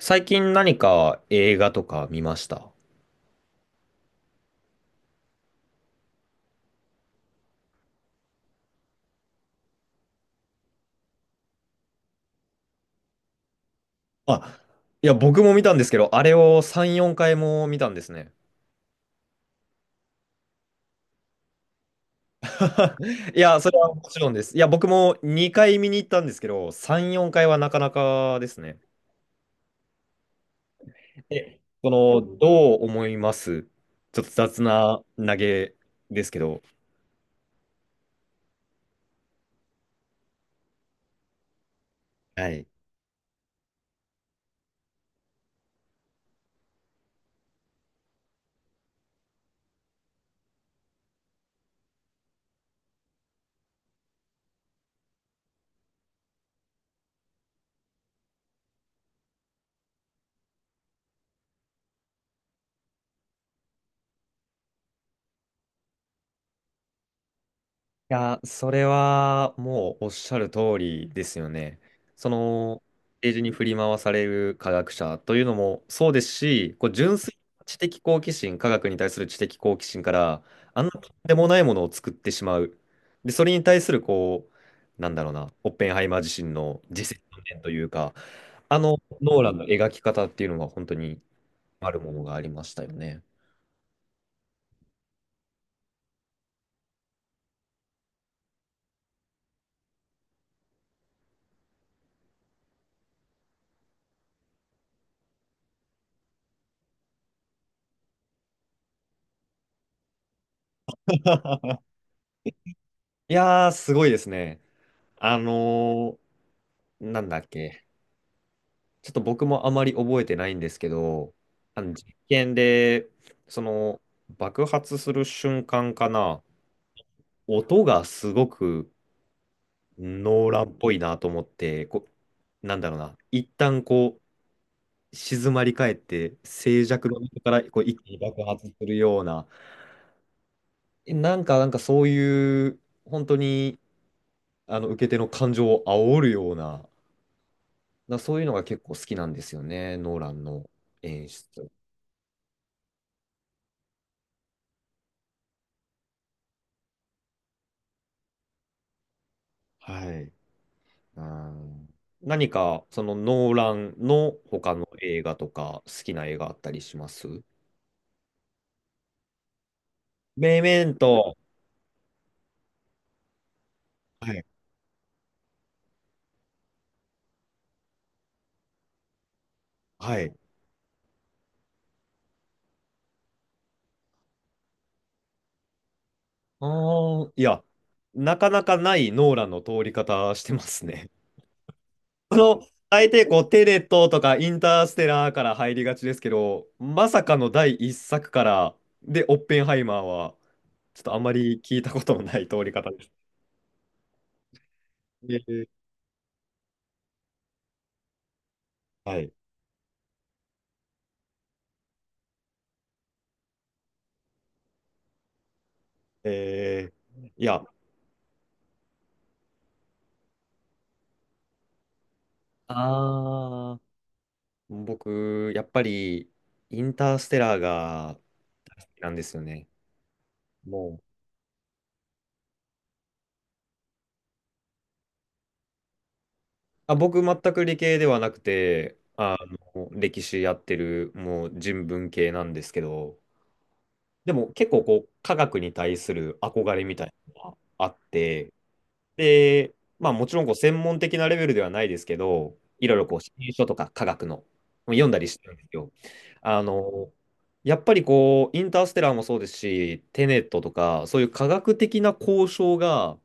最近何か映画とか見ました？あ、いや、僕も見たんですけど、あれを3、4回も見たんですね。いや、それはもちろんです。いや、僕も2回見に行ったんですけど、3、4回はなかなかですね。え、その、どう思います？ちょっと雑な投げですけど。はいや、それはもうおっしゃる通りですよね。その、ページに振り回される科学者というのもそうですし、こう純粋な知的好奇心、科学に対する知的好奇心から、あんなとんでもないものを作ってしまう。で、それに対する、こう、なんだろうな、オッペンハイマー自身の自責点というか、あのノーランの描き方っていうのが本当にあるものがありましたよね。いやー、すごいですね。あのーなんだっけ。ちょっと僕もあまり覚えてないんですけど、あの実験で、その爆発する瞬間かな、音がすごくノーランっぽいなと思って、こう、なんだろうな、一旦こう、静まり返って、静寂の中からこう一気に爆発するような、えなんか、なんかそういう、本当に、あの、受け手の感情を煽るような、そういうのが結構好きなんですよね、ノーランの演出。はい。うん何か、そのノーランの他の映画とか、好きな映画あったりします？メメント。はい。はい。ああ、いや、なかなかないノーランの通り方してますね。この、大抵こう、テネットとかインターステラーから入りがちですけど、まさかの第一作から、で、オッペンハイマーは、ちょっとあんまり聞いたことのない通り方です。えーはい。えいや、あ僕、やっぱり、インターステラーが大好きなんですよね。もう、あ、僕、全く理系ではなくて、あの、歴史やってる、もう人文系なんですけど、でも結構こう、科学に対する憧れみたいなのがあって、で、まあもちろんこう専門的なレベルではないですけど、いろいろこう、新書とか科学の読んだりしてるんですよ。あの、やっぱりこう、インターステラーもそうですし、テネットとか、そういう科学的な交渉が、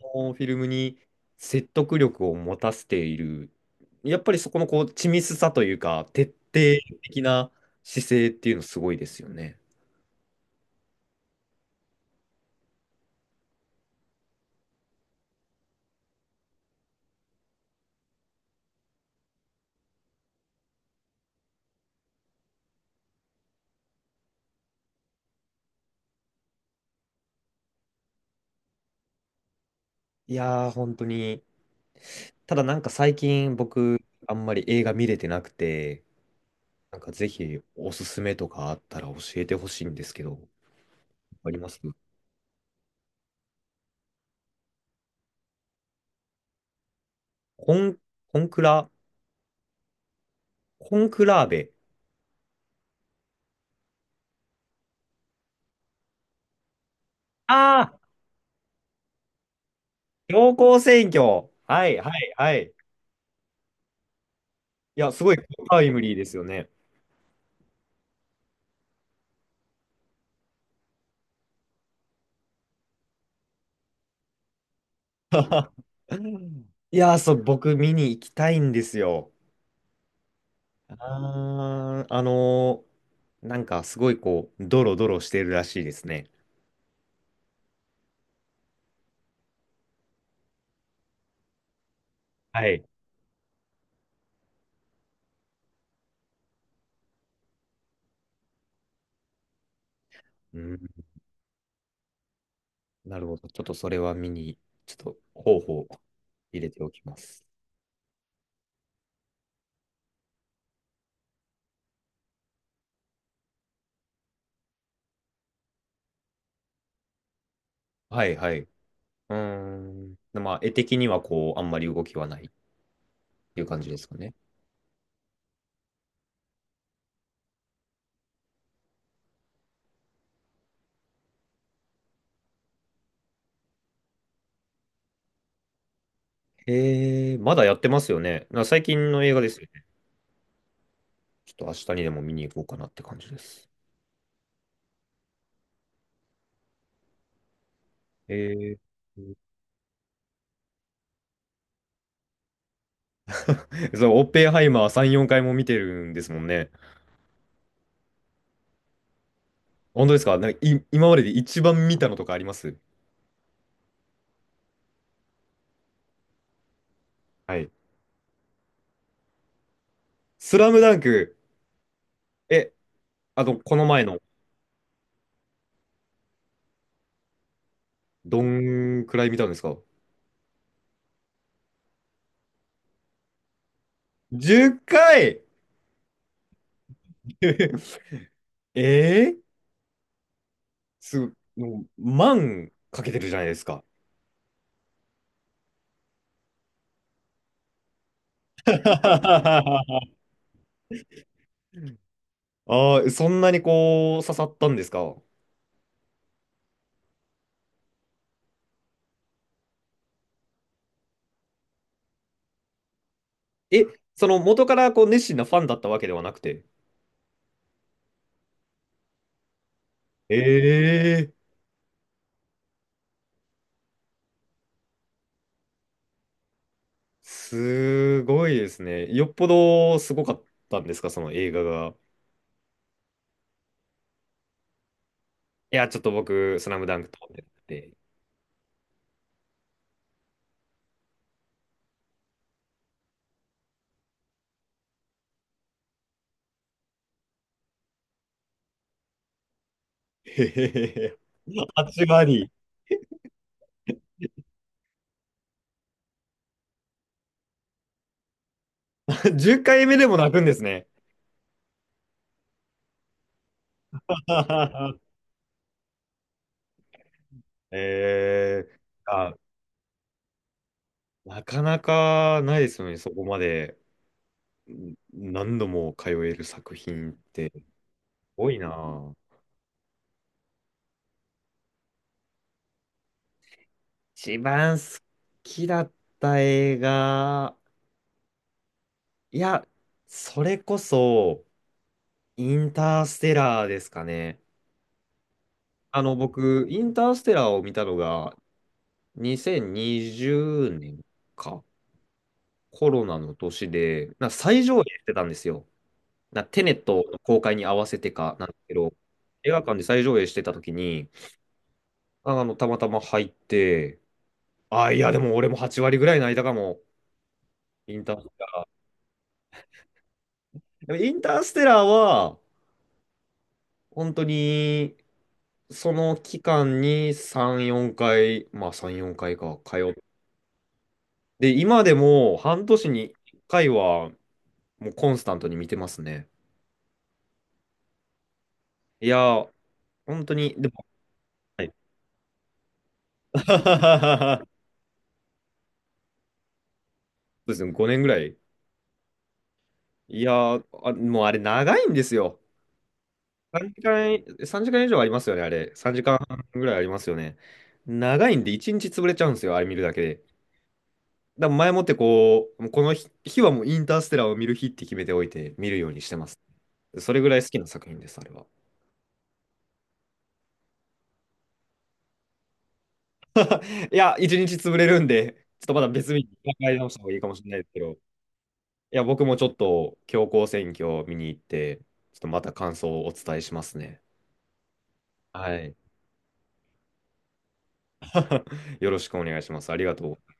このフィルムに説得力を持たせている、やっぱりそこのこう、緻密さというか、徹底的な姿勢っていうのすごいですよね。いやー、本当に。ただなんか最近僕、あんまり映画見れてなくて、なんかぜひおすすめとかあったら教えてほしいんですけど、あります？コン、コンクラ、コンクラーベ。ああ、強行選挙。はいはいはい。いや、すごいタイムリーですよね。うんいやー、そう、僕見に行きたいんですよ。あー、なんかすごいこう、ドロドロしてるらしいですね。はい。うん、なるほど。ちょっと候補を入れておきます。はいはい。うーん。まあ、絵的にはこう、あんまり動きはないっていう感じですかね。えー、まだやってますよね。最近の映画ですよね。ちょっと明日にでも見に行こうかなって感じです。えー、そう、オッペンハイマー3、4回も見てるんですもんね。本当ですか？なんかい、今までで一番見たのとかあります？はい。スラムダンク、え、あと、この前の、どんくらい見たんですか？ 10 回 えー、すごい、もう、万かけてるじゃないですか。ああ、そんなにこう、刺さったんですか？え、その元からこう熱心なファンだったわけではなくて。ええすごいですね。よっぽどすごかったんですか、その映画が。いや、ちょっと僕、スラムダンク撮ってて。へへへへ。8割。10回目でも泣くんですね。ええあ、なかなかないですよね、そこまで何度も通える作品って。多いなぁ。一番好きだった映画、いや、それこそ、インターステラーですかね。あの、僕、インターステラーを見たのが、2020年か、コロナの年で、最上映してたんですよ。テネットの公開に合わせてかなんですけど、映画館で最上映してた時に、あの、たまたま入って、あ、いや、でも俺も8割ぐらい泣いたかも、インターステでもインターステラーは、本当に、その期間に3、4回、まあ3、4回かいか、通って、今でも半年に1回は、もうコンスタントに見てますね。いや、本当に、でも、はい。 そうですね、5年ぐらい。いや、あ、もうあれ長いんですよ。3時間、3時間以上ありますよね、あれ。3時間半ぐらいありますよね。長いんで、1日潰れちゃうんですよ、あれ見るだけで。だから前もってこう、もうこの日はもうインターステラーを見る日って決めておいて見るようにしてます。それぐらい好きな作品です、あれは。いや、一日潰れるんで、ちょっとまだ別日に考え直した方がいいかもしれないですけど、いや、僕もちょっと強行選挙を見に行って、ちょっとまた感想をお伝えしますね。はい。よろしくお願いします。ありがとう。